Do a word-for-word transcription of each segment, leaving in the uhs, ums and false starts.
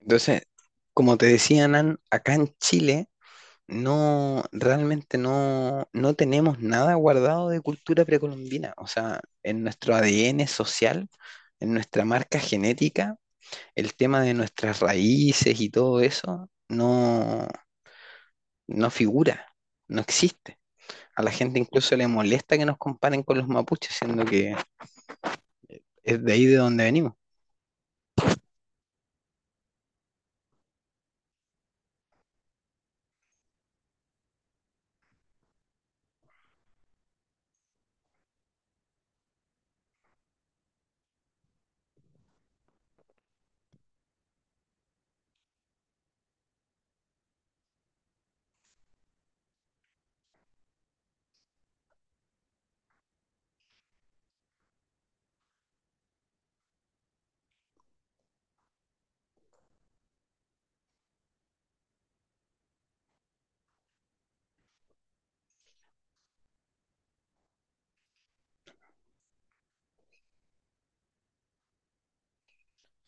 Entonces, como te decía Nan, acá en Chile no, realmente no, no tenemos nada guardado de cultura precolombina. O sea, en nuestro A D N social, en nuestra marca genética, el tema de nuestras raíces y todo eso no, no figura, no existe. A la gente incluso le molesta que nos comparen con los mapuches, siendo que es de ahí de donde venimos.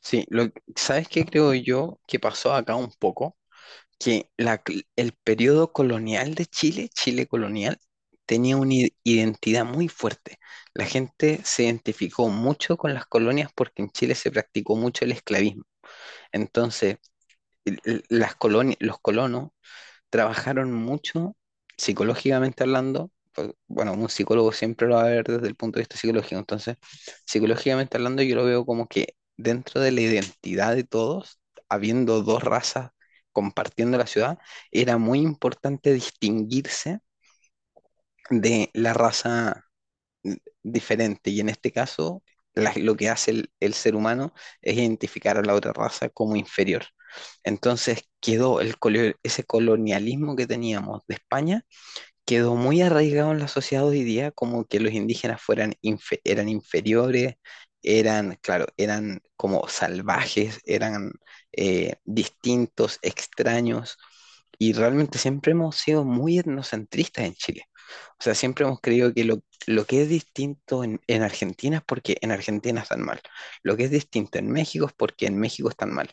Sí, lo, ¿sabes qué creo yo que pasó acá un poco? Que la cl- el periodo colonial de Chile, Chile colonial, tenía una i- identidad muy fuerte. La gente se identificó mucho con las colonias porque en Chile se practicó mucho el esclavismo. Entonces, el- el- las colonias, los colonos trabajaron mucho psicológicamente hablando. pues, Bueno, un psicólogo siempre lo va a ver desde el punto de vista psicológico. Entonces, psicológicamente hablando, yo lo veo como que dentro de la identidad de todos, habiendo dos razas compartiendo la ciudad, era muy importante distinguirse de la raza n- diferente. Y en este caso, la- lo que hace el, el ser humano es identificar a la otra raza como inferior. Entonces quedó el, colo- ese colonialismo que teníamos de España quedó muy arraigado en la sociedad hoy día como que los indígenas fueran infe- eran inferiores, eran, claro, eran como salvajes, eran eh, distintos, extraños, y realmente siempre hemos sido muy etnocentristas en Chile. O sea, siempre hemos creído que lo, lo que es distinto en, en Argentina es porque en Argentina están mal. Lo que es distinto en México es porque en México están mal.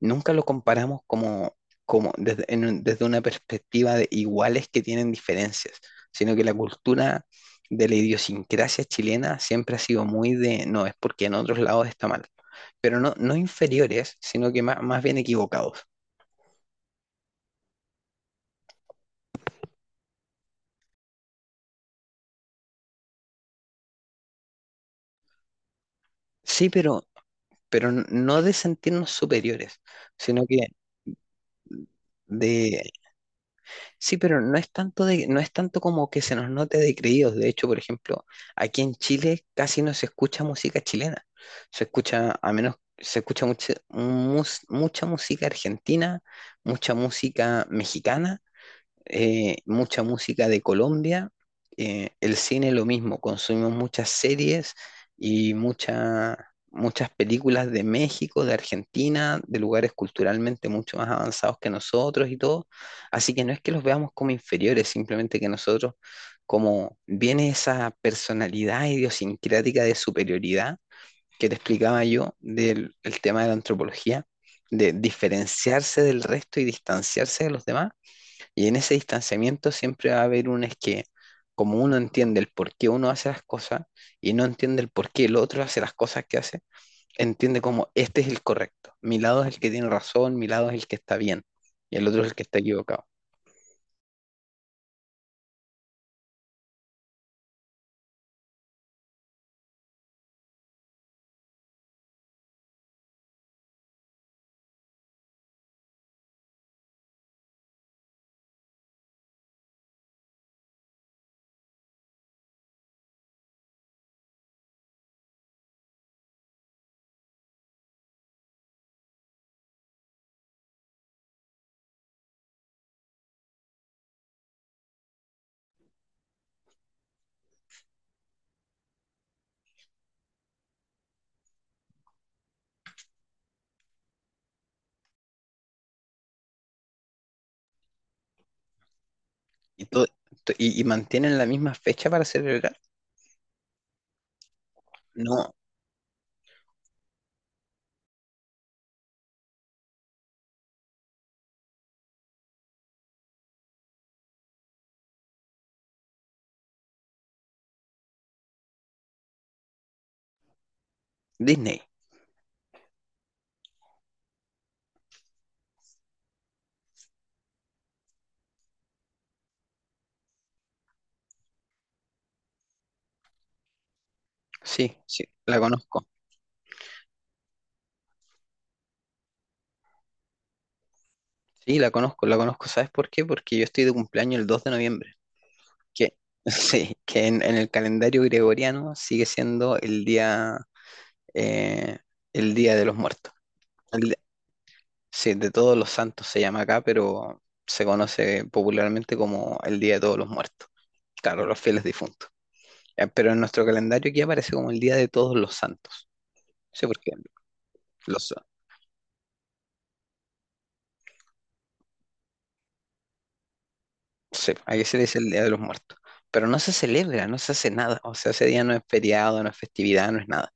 Nunca lo comparamos como como desde, en un- desde una perspectiva de iguales que tienen diferencias, sino que la cultura de la idiosincrasia chilena siempre ha sido muy de, no, es porque en otros lados está mal, pero no, no inferiores, sino que más, más bien equivocados. Sí, pero, pero no de sentirnos superiores, sino que de. Sí, pero no es tanto de, no es tanto como que se nos note de creídos. De hecho, por ejemplo, aquí en Chile casi no se escucha música chilena. Se escucha, a menos, se escucha mucha, mus- mucha música argentina, mucha música mexicana, eh, mucha música de Colombia, eh, el cine lo mismo, consumimos muchas series y mucha- muchas películas de México, de Argentina, de lugares culturalmente mucho más avanzados que nosotros y todo. Así que no es que los veamos como inferiores, simplemente que nosotros, como viene esa personalidad idiosincrática de superioridad que te explicaba yo del el tema de la antropología, de diferenciarse del resto y distanciarse de los demás, y en ese distanciamiento siempre va a haber un es que, como uno entiende el por qué uno hace las cosas y no entiende el por qué el otro hace las cosas que hace, entiende como este es el correcto, mi lado es el que tiene razón, mi lado es el que está bien y el otro es el que está equivocado. Y, todo, to- y, y mantienen la misma fecha para celebrar. No, Disney, sí, sí, la conozco. Sí, la conozco, la conozco. ¿Sabes por qué? Porque yo estoy de cumpleaños el dos de noviembre. Que, sí, que en, en el calendario gregoriano sigue siendo el día eh, el Día de los Muertos. El de- sí, de Todos los Santos se llama acá, pero se conoce popularmente como el Día de Todos los Muertos. Claro, los fieles difuntos. Eh, Pero en nuestro calendario aquí aparece como el Día de Todos los Santos. Sí, porque los, sí, aquí se le dice el Día de los Muertos. Pero no se celebra, no se hace nada. O sea, ese día no es feriado, no es festividad, no es nada.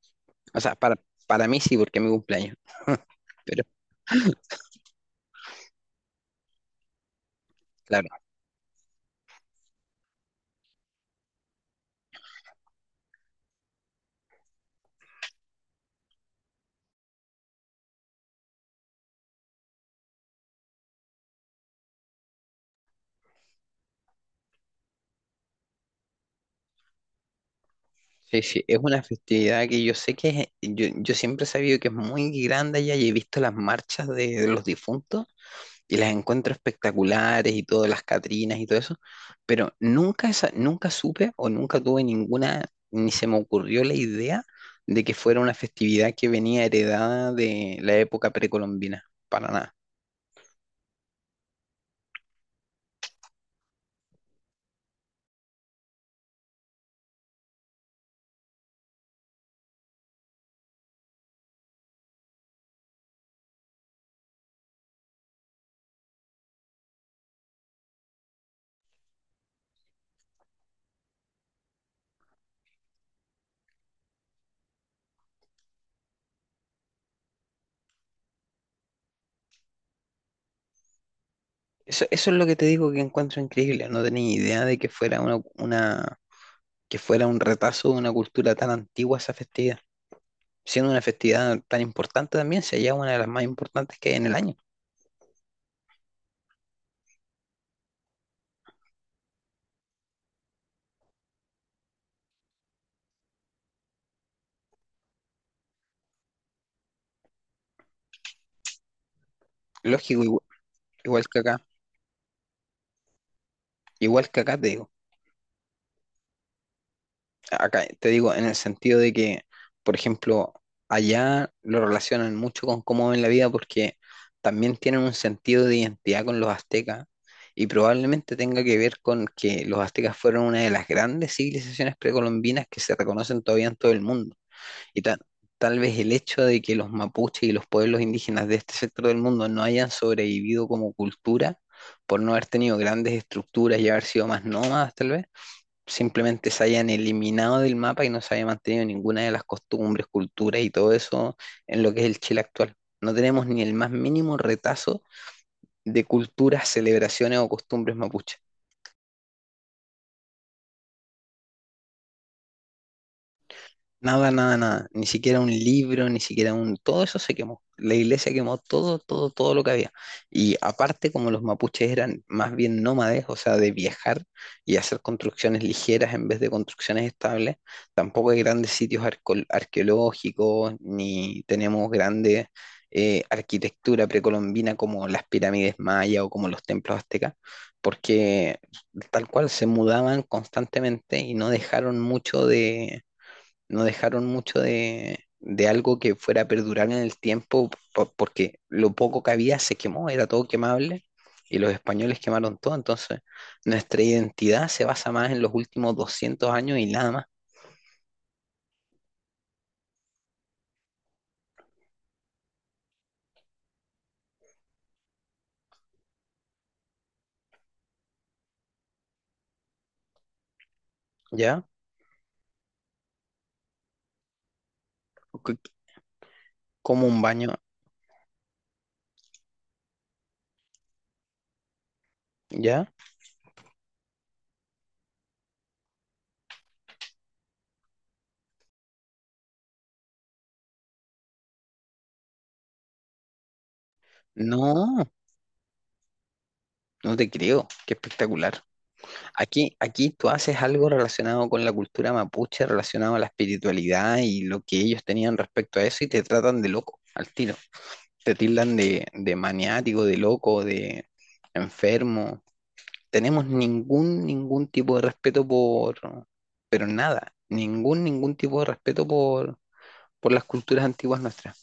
O sea, para, para mí sí, porque es mi cumpleaños. Pero claro. Sí, sí, es una festividad que yo sé que es- yo, yo siempre he sabido que es muy grande allá, y he visto las marchas de, de los difuntos y las encuentro espectaculares y todas las Catrinas y todo eso, pero nunca, esa- nunca supe o nunca tuve ninguna, ni se me ocurrió la idea de que fuera una festividad que venía heredada de la época precolombina, para nada. Eso, eso es lo que te digo que encuentro increíble, no tenía idea de que fuera una, una, que fuera un retazo de una cultura tan antigua esa festividad. Siendo una festividad tan importante también, si allá una de las más importantes que hay en el año. Lógico, igual, igual que acá, igual que acá te digo, acá te digo en el sentido de que, por ejemplo, allá lo relacionan mucho con cómo ven la vida porque también tienen un sentido de identidad con los aztecas y probablemente tenga que ver con que los aztecas fueron una de las grandes civilizaciones precolombinas que se reconocen todavía en todo el mundo. Y ta- Tal vez el hecho de que los mapuches y los pueblos indígenas de este sector del mundo no hayan sobrevivido como cultura, por no haber tenido grandes estructuras y haber sido más nómadas, tal vez, simplemente se hayan eliminado del mapa y no se haya mantenido ninguna de las costumbres, culturas y todo eso en lo que es el Chile actual. No tenemos ni el más mínimo retazo de culturas, celebraciones o costumbres mapuches. Nada, nada, nada. Ni siquiera un libro, ni siquiera un... Todo eso se quemó. La iglesia quemó todo, todo, todo lo que había. Y aparte, como los mapuches eran más bien nómades, o sea, de viajar y hacer construcciones ligeras en vez de construcciones estables, tampoco hay grandes sitios arco- arqueológicos, ni tenemos grande eh, arquitectura precolombina como las pirámides mayas o como los templos aztecas, porque tal cual se mudaban constantemente y no dejaron mucho de no dejaron mucho de, de algo que fuera a perdurar en el tiempo, po- porque lo poco que había se quemó, era todo quemable, y los españoles quemaron todo, entonces nuestra identidad se basa más en los últimos doscientos años y nada más, ¿ya? C- Como un baño, ¿ya? No, no te creo, qué espectacular. Aquí, aquí tú haces algo relacionado con la cultura mapuche, relacionado a la espiritualidad y lo que ellos tenían respecto a eso, y te tratan de loco al tiro. Te tildan de, de maniático, de loco, de enfermo. Tenemos ningún, ningún tipo de respeto por, pero nada, ningún, ningún tipo de respeto por, por las culturas antiguas nuestras.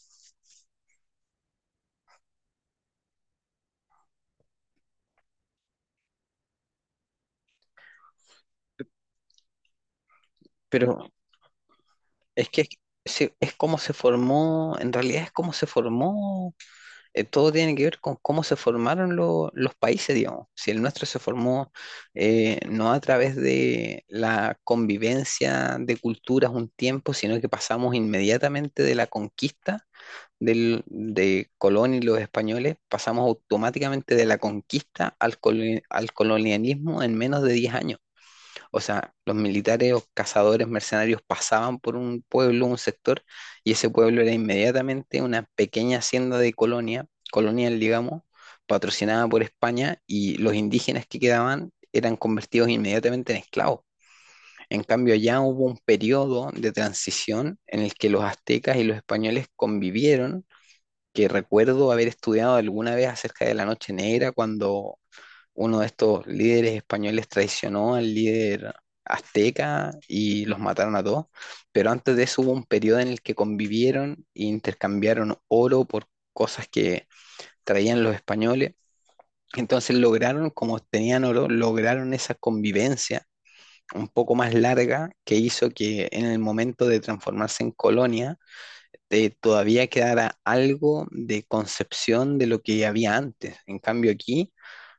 Pero es que es, se- es como se formó, en realidad es como se formó. Eh, todo tiene que ver con cómo se formaron lo- los países, digamos. Si el nuestro se formó, eh, no a través de la convivencia de culturas un tiempo, sino que pasamos inmediatamente de la conquista del- de Colón y los españoles, pasamos automáticamente de la conquista al, colo- al colonialismo en menos de diez años. O sea, los militares o cazadores mercenarios pasaban por un pueblo, un sector, y ese pueblo era inmediatamente una pequeña hacienda de colonia, colonial, digamos, patrocinada por España, y los indígenas que quedaban eran convertidos inmediatamente en esclavos. En cambio, allá hubo un periodo de transición en el que los aztecas y los españoles convivieron, que recuerdo haber estudiado alguna vez acerca de la Noche Negra, cuando uno de estos líderes españoles traicionó al líder azteca y los mataron a todos, pero antes de eso hubo un periodo en el que convivieron e intercambiaron oro por cosas que traían los españoles. Entonces lograron, como tenían oro, lograron esa convivencia un poco más larga que hizo que en el momento de transformarse en colonia, eh, todavía quedara algo de concepción de lo que había antes. En cambio aquí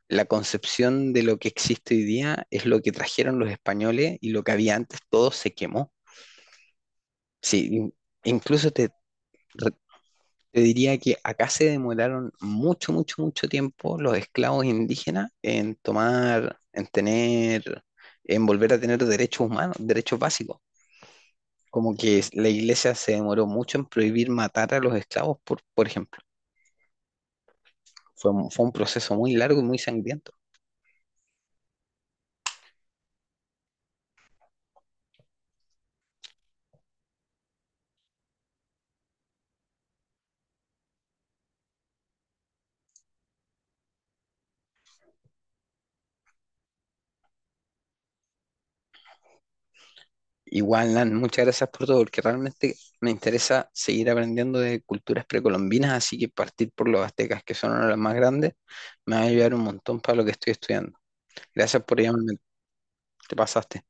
la concepción de lo que existe hoy día es lo que trajeron los españoles y lo que había antes todo se quemó. Sí, in- incluso te, re- te diría que acá se demoraron mucho, mucho, mucho tiempo los esclavos indígenas en tomar, en tener, en volver a tener derechos humanos, derechos básicos. Como que es- la iglesia se demoró mucho en prohibir matar a los esclavos, por, por ejemplo. Fue, un- fue un proceso muy largo y muy sangriento. Igual, Nan, muchas gracias por todo, porque realmente me interesa seguir aprendiendo de culturas precolombinas, así que partir por los aztecas, que son uno de los más grandes, me va a ayudar un montón para lo que estoy estudiando. Gracias por llamarme, te pasaste.